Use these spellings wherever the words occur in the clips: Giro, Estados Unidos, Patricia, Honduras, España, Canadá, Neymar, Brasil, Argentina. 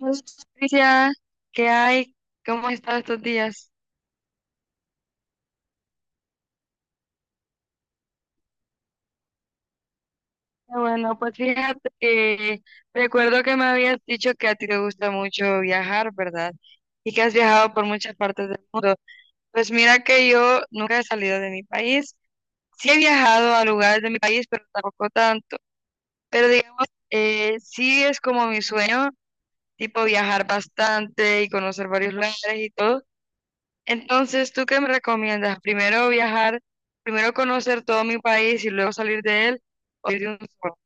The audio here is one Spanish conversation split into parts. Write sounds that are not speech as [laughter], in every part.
Hola, Patricia, ¿qué hay? ¿Cómo has estado estos días? Ah, bueno, pues fíjate que recuerdo que me habías dicho que a ti te gusta mucho viajar, ¿verdad? Y que has viajado por muchas partes del mundo. Pues mira que yo nunca he salido de mi país. Sí he viajado a lugares de mi país, pero tampoco tanto. Pero digamos, sí es como mi sueño, tipo viajar bastante y conocer varios lugares y todo. Entonces, ¿tú qué me recomiendas? ¿Primero viajar, primero conocer todo mi país y luego salir de él? ¿O ir de un solo?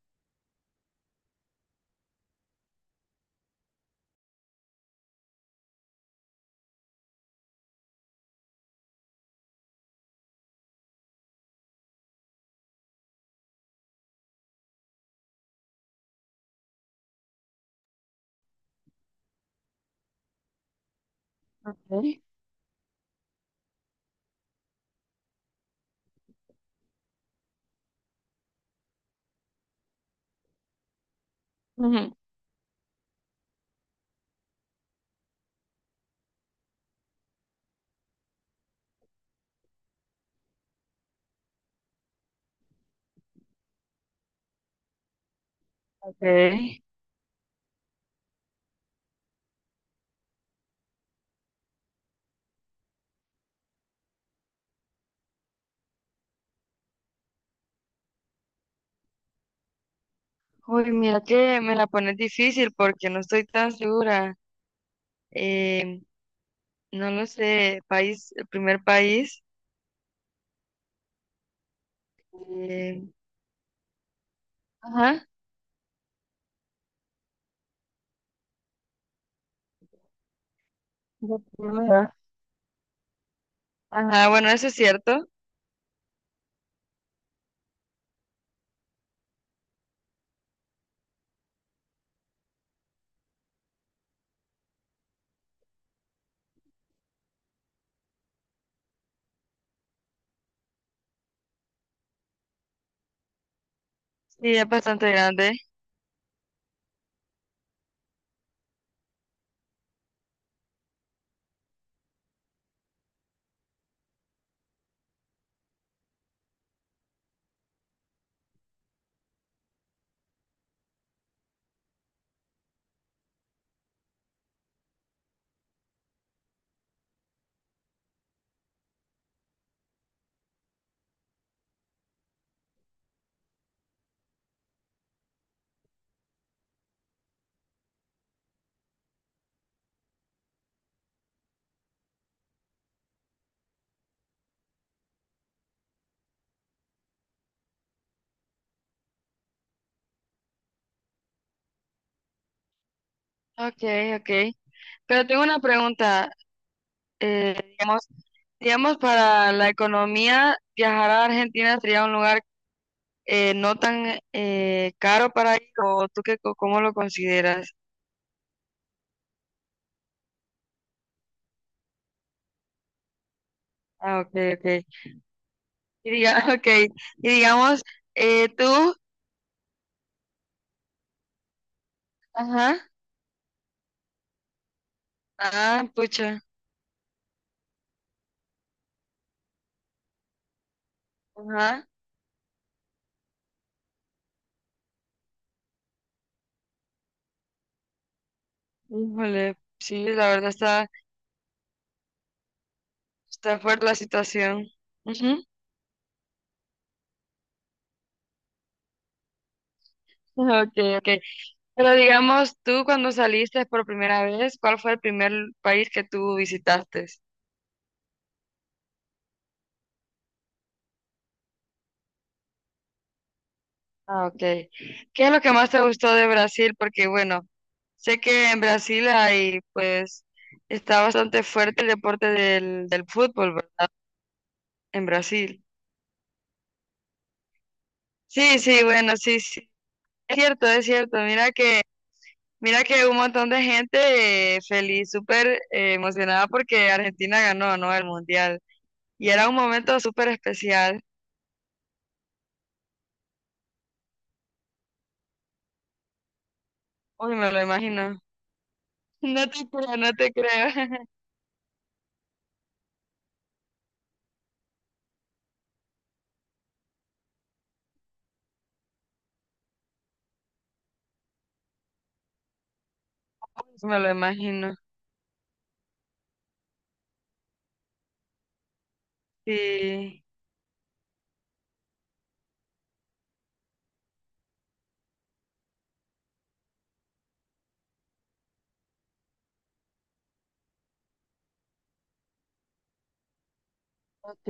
Ok. Ujú. Ok. Uy, mira que me la pones difícil porque no estoy tan segura. Eh, no lo sé, país, el primer país. eh, ajá. La primera. Ajá, bueno, eso es cierto. Sí, es bastante grande. Ok, ok. Pero tengo una pregunta. Digamos, digamos, para la economía, viajar a Argentina sería un lugar no tan caro para ir, o tú qué, cómo lo consideras. Ah, ok, ok. Y, diga, [laughs] okay. Y digamos, tú, ajá, ah, pucha, ajá, híjole, sí, la verdad está, está fuerte la situación. Ujú. Okay, okay. Pero digamos, tú cuando saliste por primera vez, ¿cuál fue el primer país que tú visitaste? Ah, ok. ¿Qué es lo que más te gustó de Brasil? Porque bueno, sé que en Brasil hay, pues, está bastante fuerte el deporte del, del fútbol, ¿verdad? En Brasil. Sí, sí, bueno, sí, sí. Es cierto, es cierto. Mira que un montón de gente feliz, súper emocionada porque Argentina ganó, ¿no? El Mundial. Y era un momento súper especial. Uy, me lo imagino. [laughs] No te creo, no te creo. [laughs] Me lo imagino. Sí. Ok.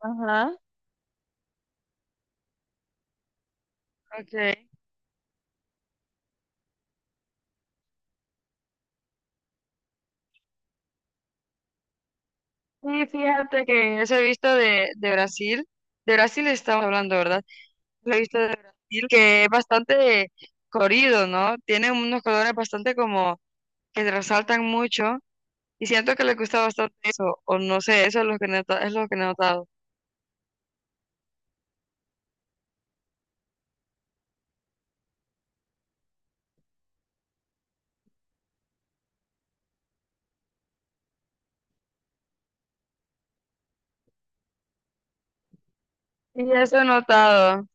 Ajá. Okay. Sí, fíjate que eso he visto de Brasil estamos hablando, ¿verdad? Lo he visto de Brasil, que es bastante corrido, ¿no? Tiene unos colores bastante como que resaltan mucho y siento que le gusta bastante eso, o no sé, eso es lo que es lo que he notado. Y eso he notado,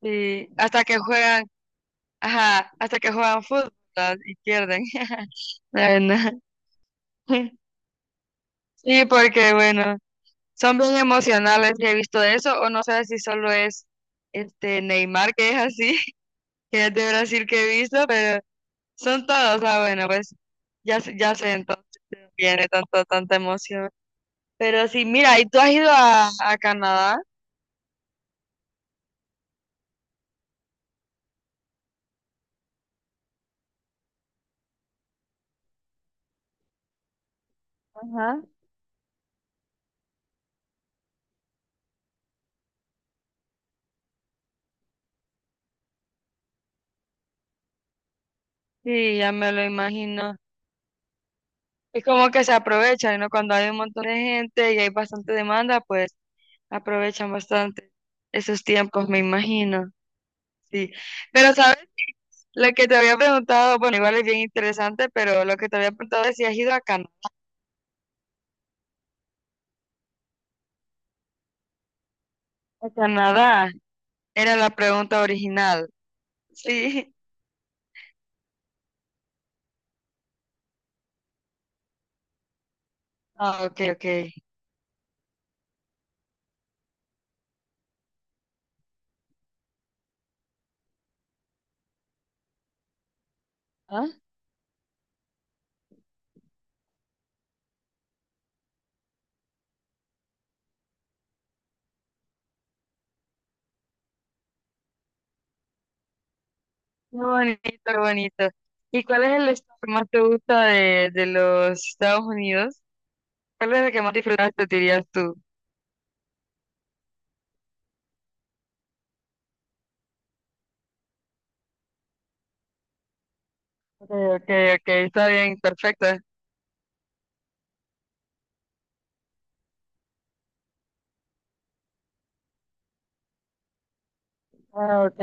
y hasta que juegan, ajá, hasta que juegan fútbol, ¿verdad? Y pierden. [laughs] La verdad. [laughs] Sí, porque bueno. Son bien emocionales, he visto eso, o no sé si solo es este Neymar que es así, [laughs] que es de Brasil que he visto, pero son todos, ah, bueno, pues ya, ya sé entonces de dónde viene tanto, tanta emoción. Pero sí, mira, ¿y tú has ido a Canadá? Ajá. Sí, ya me lo imagino. Es como que se aprovechan, ¿no? Cuando hay un montón de gente y hay bastante demanda, pues aprovechan bastante esos tiempos, me imagino. Sí. Pero, ¿sabes? Lo que te había preguntado, bueno, igual es bien interesante, pero lo que te había preguntado es si has ido a Canadá. A Canadá era la pregunta original. Sí. Ah, ok, ok. Ah, qué bonito, qué bonito. ¿Y cuál es el estado que más te gusta de los Estados Unidos? ¿Cuál es el que más disfrutaste, dirías tú? Ok, ok, ok, está bien, perfecto. Ah, ok.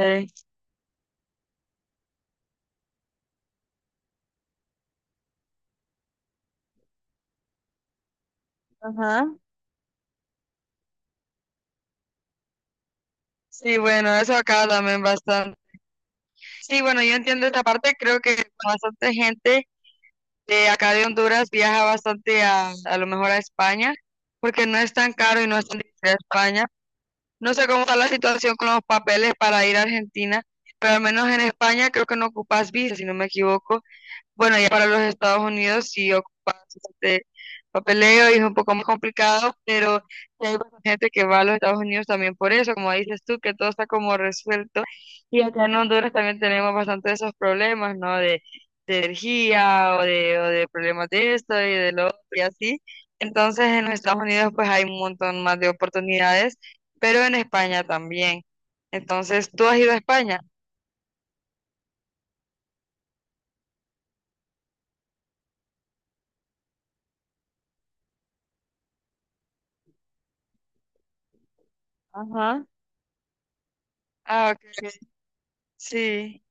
Ajá. Sí, bueno, eso acá también bastante. Sí, bueno, yo entiendo esta parte, creo que bastante gente de acá de Honduras viaja bastante a lo mejor a España, porque no es tan caro y no es tan difícil a España. No sé cómo está la situación con los papeles para ir a Argentina, pero al menos en España creo que no ocupas visa, si no me equivoco. Bueno, ya para los Estados Unidos sí ocupa bastante papeleo y es un poco más complicado, pero sí hay bastante gente que va a los Estados Unidos también por eso, como dices tú, que todo está como resuelto. Y acá en Honduras también tenemos bastante de esos problemas, ¿no? De energía o de problemas de esto y de lo otro y así. Entonces en los Estados Unidos pues hay un montón más de oportunidades, pero en España también. Entonces, ¿tú has ido a España? Ajá. Ah, ok. Ok. Sí,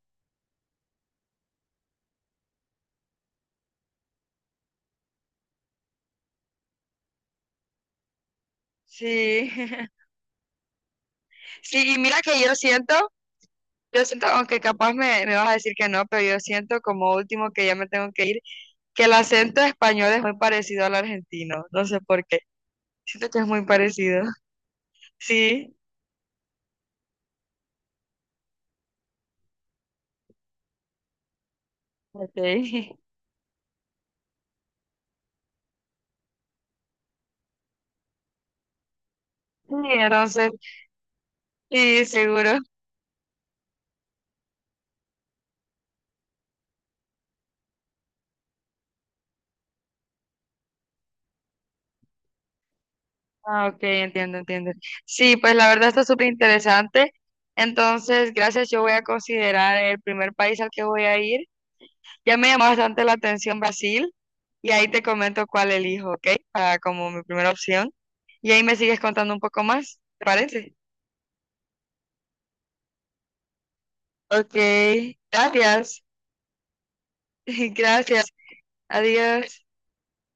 sí. [laughs] Sí, y mira que yo siento, aunque capaz me, me vas a decir que no, pero yo siento como último que ya me tengo que ir, que el acento español es muy parecido al argentino, no sé por qué, siento que es muy parecido. Sí, ok. [laughs] Sí, entonces, sí, seguro. Ah, ok, entiendo, entiendo. Sí, pues la verdad está súper interesante. Entonces, gracias, yo voy a considerar el primer país al que voy a ir. Ya me llamó bastante la atención Brasil y ahí te comento cuál elijo, ¿ok? Para como mi primera opción. Y ahí me sigues contando un poco más, ¿te parece? Ok, gracias. [laughs] Gracias. Adiós.